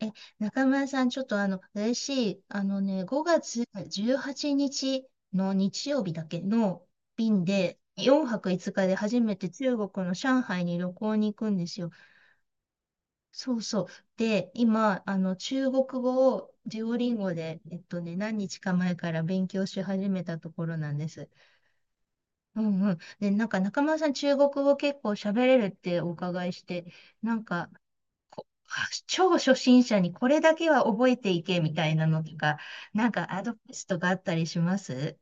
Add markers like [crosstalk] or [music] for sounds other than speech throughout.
え、中村さん、ちょっと嬉しい。あのね、5月18日の日曜日だけの便で、4泊5日で初めて中国の上海に旅行に行くんですよ。そうそう。で、今、中国語をデュオリンゴで、何日か前から勉強し始めたところなんです。うんうん。で、なんか中村さん、中国語結構喋れるってお伺いして、なんか、は超初心者にこれだけは覚えていけみたいなのとか、なんかアドバイスとかあったりします？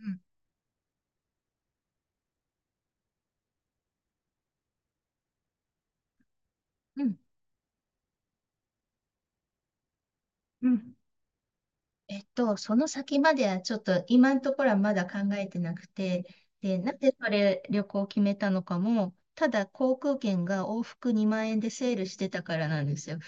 うん、うん、うん、うん。その先まではちょっと今のところはまだ考えてなくて、で、なんでそれ旅行を決めたのかも、ただ航空券が往復2万円でセールしてたからなんですよ。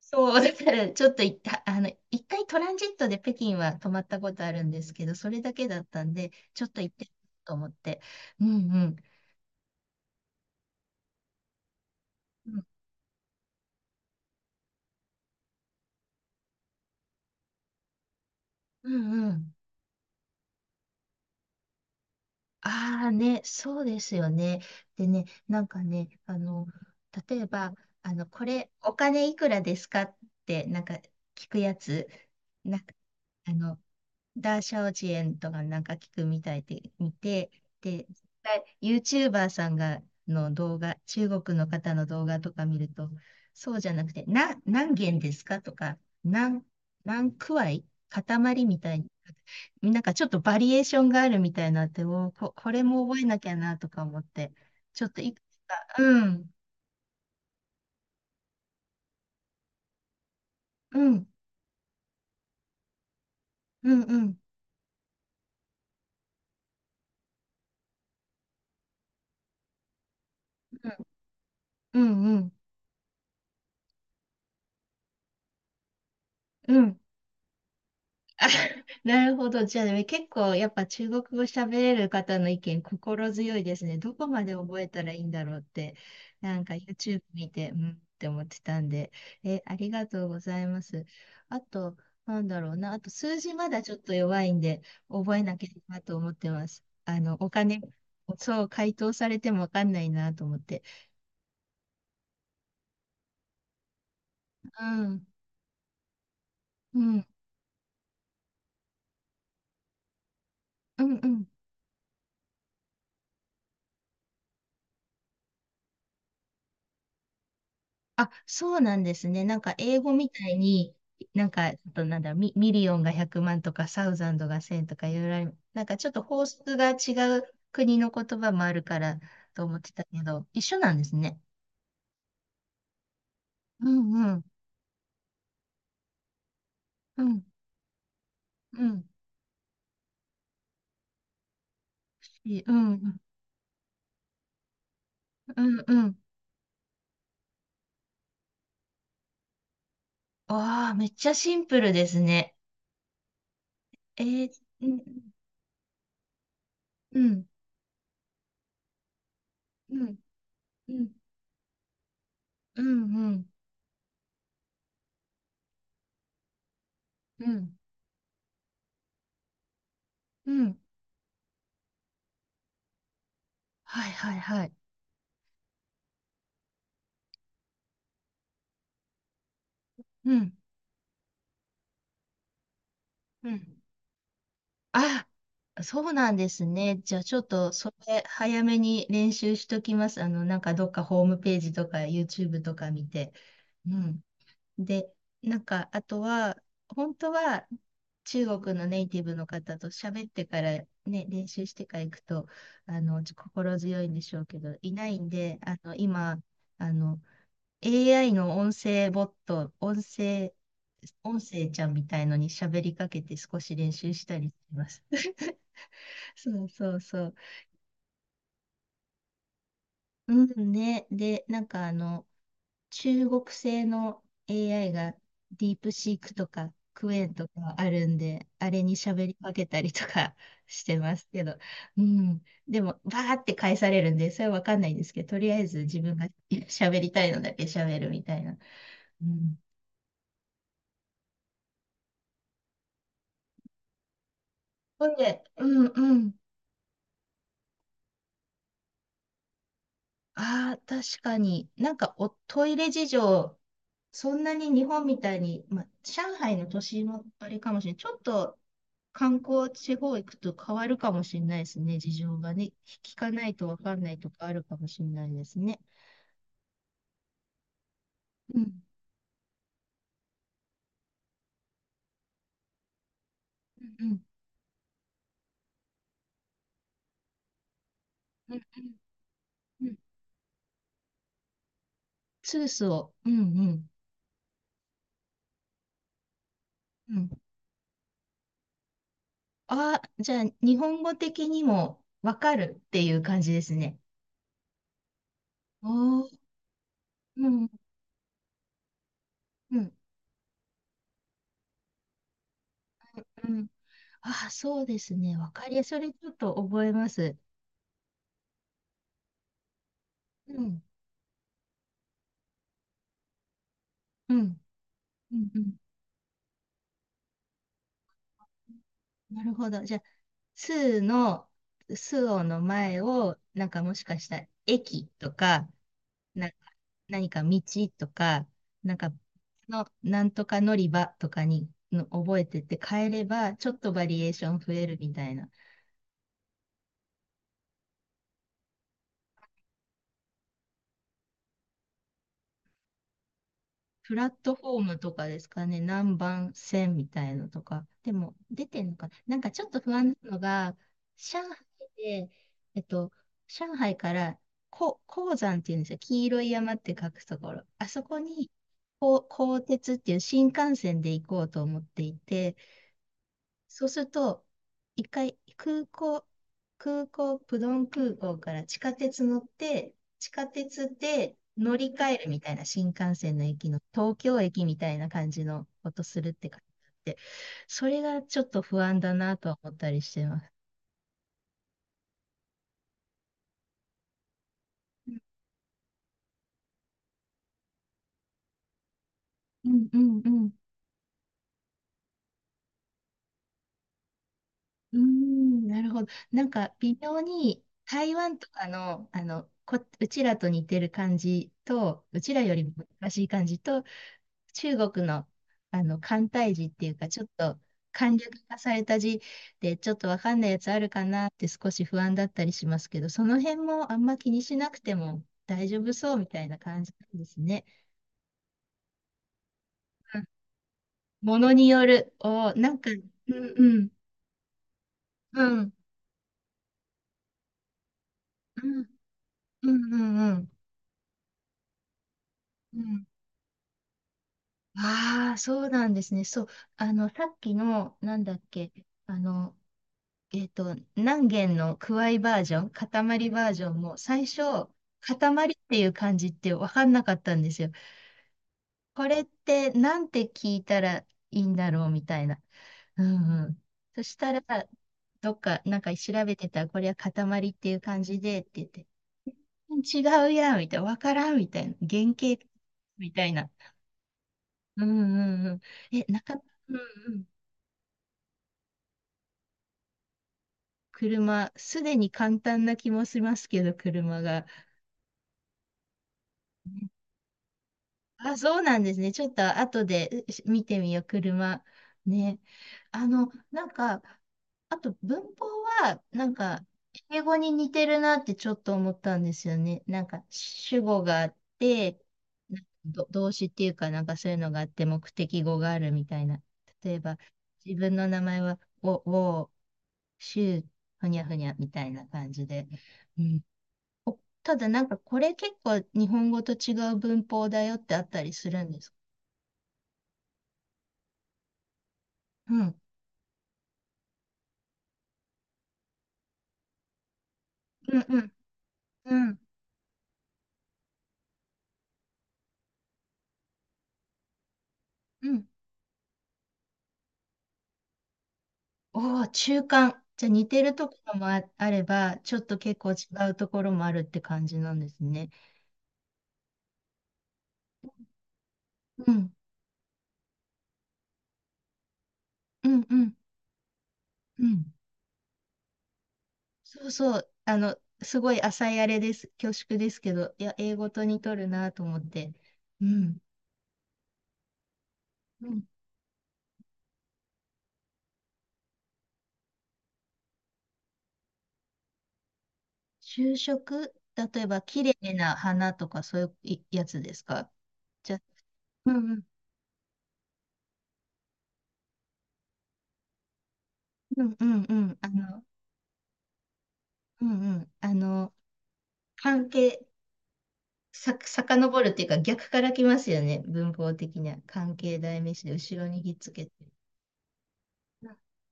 そう、だからちょっと一旦、一回トランジットで北京は泊まったことあるんですけど、それだけだったんで、ちょっと行ってみようと思って。うんうん。うんうん。ああね、そうですよね。でね、なんかね、例えば、これ、お金いくらですかって、なんか聞くやつ、なんか、あの、ダーシャオジエンとかなんか聞くみたいで見て、で、YouTuber さんがの動画、中国の方の動画とか見ると、そうじゃなくて、な、何元ですかとか、何、何くわい塊みたいに、なんかちょっとバリエーションがあるみたいなって、おーこ、これも覚えなきゃなとか思って、ちょっといくつか、うん、うん、うん、うん、うん、うん、うん、うん、[laughs] あ、なるほど。じゃあね、結構やっぱ中国語喋れる方の意見心強いですね。どこまで覚えたらいいんだろうって、なんか YouTube 見て、うんって思ってたんで、え、ありがとうございます。あと、なんだろうな。あと、数字まだちょっと弱いんで、覚えなきゃなと思ってます。お金、そう、回答されてもわかんないなと思って。うん、うん、うん、うん。あ、そうなんですね。なんか英語みたいに、なんか、ちょっとなんだミ、ミリオンが100万とか、サウザンドが1000とかいろいろある。なんかちょっと法則が違う国の言葉もあるからと思ってたけど、一緒なんですね。うんうん、うん、うん、いいうんうん、うん、うん。わあ、めっちゃシンプルですね。えー、うん、うん、うん、うん、うん、うん、うん、うん。はいはいはい。うん、うん。あ、そうなんですね。じゃあちょっとそれ早めに練習しときます。なんかどっかホームページとか YouTube とか見て。うん。で、なんかあとは、本当は中国のネイティブの方と喋ってからね、練習してから行くと、心強いんでしょうけど、いないんで、今、あの、AI の音声ボット、音声、音声ちゃんみたいのに喋りかけて少し練習したりします。[laughs] そうそうそう。うんね。で、なんか中国製の AI がディープシークとかクエンとかあるんで、あれに喋りかけたりとか [laughs] してますけど、うん。でも、バーって返されるんで、それはわかんないんですけど、とりあえず自分が [laughs] 喋りたいのだけ喋るみたいな。うん。ほんで、うんうん。ああ、確かに。なんかおトイレ事情、そんなに日本みたいに、まあ、上海の都市もあれかもしれない。ちょっと観光地方行くと変わるかもしれないですね。事情がね。聞かないとわかんないとかあるかもしれないですね。うん。うんうんうんうんスースを。うんうんうん。ああ、じゃあ日本語的にもわかるっていう感じですね。おー、うんうんうん。あ、そうですね。わかりやすい。それちょっと覚えます。うん。うん。うん。うん。なるほど。じゃあ、スーの、スオの前を、なんかもしかしたら駅とか、なんか何か道とか、なんかの、なんとか乗り場とかにの覚えてって変えれば、ちょっとバリエーション増えるみたいな。プラットフォームとかですかね、何番線みたいのとか。でも、出てんのかな。なんかちょっと不安なのが、上海で、えっと、上海から、こ、黄山っていうんですよ。黄色い山って書くところ。あそこに、こう、鋼鉄っていう新幹線で行こうと思っていて、そうすると、一回空港、プドン空港から地下鉄乗って、地下鉄で乗り換えるみたいな新幹線の駅の東京駅みたいな感じのことするって感じで、それがちょっと不安だなとは思ったりしてます。うんうんうん。うーん、なるほど。なんか微妙に台湾とかの、こ、うちらと似てる感じと、うちらよりも難しい感じと、中国の、簡体字っていうか、ちょっと簡略化された字で、ちょっとわかんないやつあるかなって少し不安だったりしますけど、その辺もあんま気にしなくても大丈夫そうみたいな感じなんですね。うん。ものによる。おー、なんか、うんうん、うん、うん、うん、うん、うん。うん。ああ、そうなんですね。そう。あの、さっきの、なんだっけ、あの、何弦のくわいバージョン、塊バージョンも最初、塊っていう漢字って分かんなかったんですよ。これってなんて聞いたらいいんだろうみたいな。うんうん。そしたら、どっか、なんか調べてたら、これは塊っていう感じでって言って、違うやん、みたいな、わからん、みたいな、原型、みたいな。うんうんうん。え、なかなか、うんうん。車、すでに簡単な気もしますけど、車が。あ、そうなんですね。ちょっと後でし見てみよう、車。ね。なんか、あと文法は、なんか、英語に似てるなってちょっと思ったんですよね。なんか、主語があって、なんか動詞っていうか、なんかそういうのがあって、目的語があるみたいな。例えば、自分の名前は、ウォー、シュー、ふにゃふにゃみたいな感じで。うん。お、ただなんかこれ結構日本語と違う文法だよってあったりするんですか？うん。うんうんうんうん。おお、中間。じゃあ似てるところもあれば、ちょっと結構違うところもあるって感じなんですね。うん。うんうんうん。そうそう。すごい浅いあれです。恐縮ですけど、いや、英語と似とるなと思って。うん。うん。就職、例えば、綺麗な花とかそういうやつですか？じゃあ、うんうんうんうん。うんうん。関係、さ、遡るっていうか逆から来ますよね。文法的には。関係代名詞で後ろにひっつけて。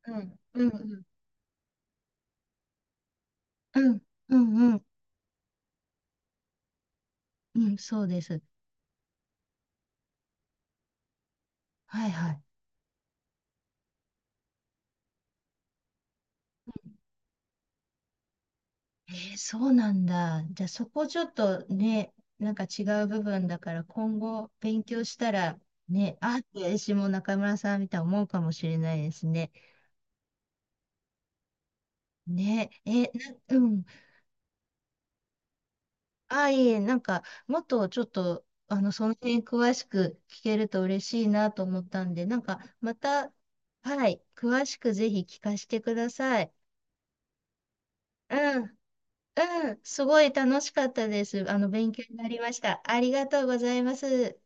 うんうんうんうんうんうん。うんそうです。はいはい。えーそうなんだ。じゃあそこちょっとね、なんか違う部分だから今後勉強したらね、あーって私も中村さんみたいに思うかもしれないですね。ね、えーな、うん。ああ、いえ、なんか、もっとちょっと、その辺詳しく聞けると嬉しいなと思ったんで、なんか、また、はい、詳しくぜひ聞かせてください。うん、うん、すごい楽しかったです。勉強になりました。ありがとうございます。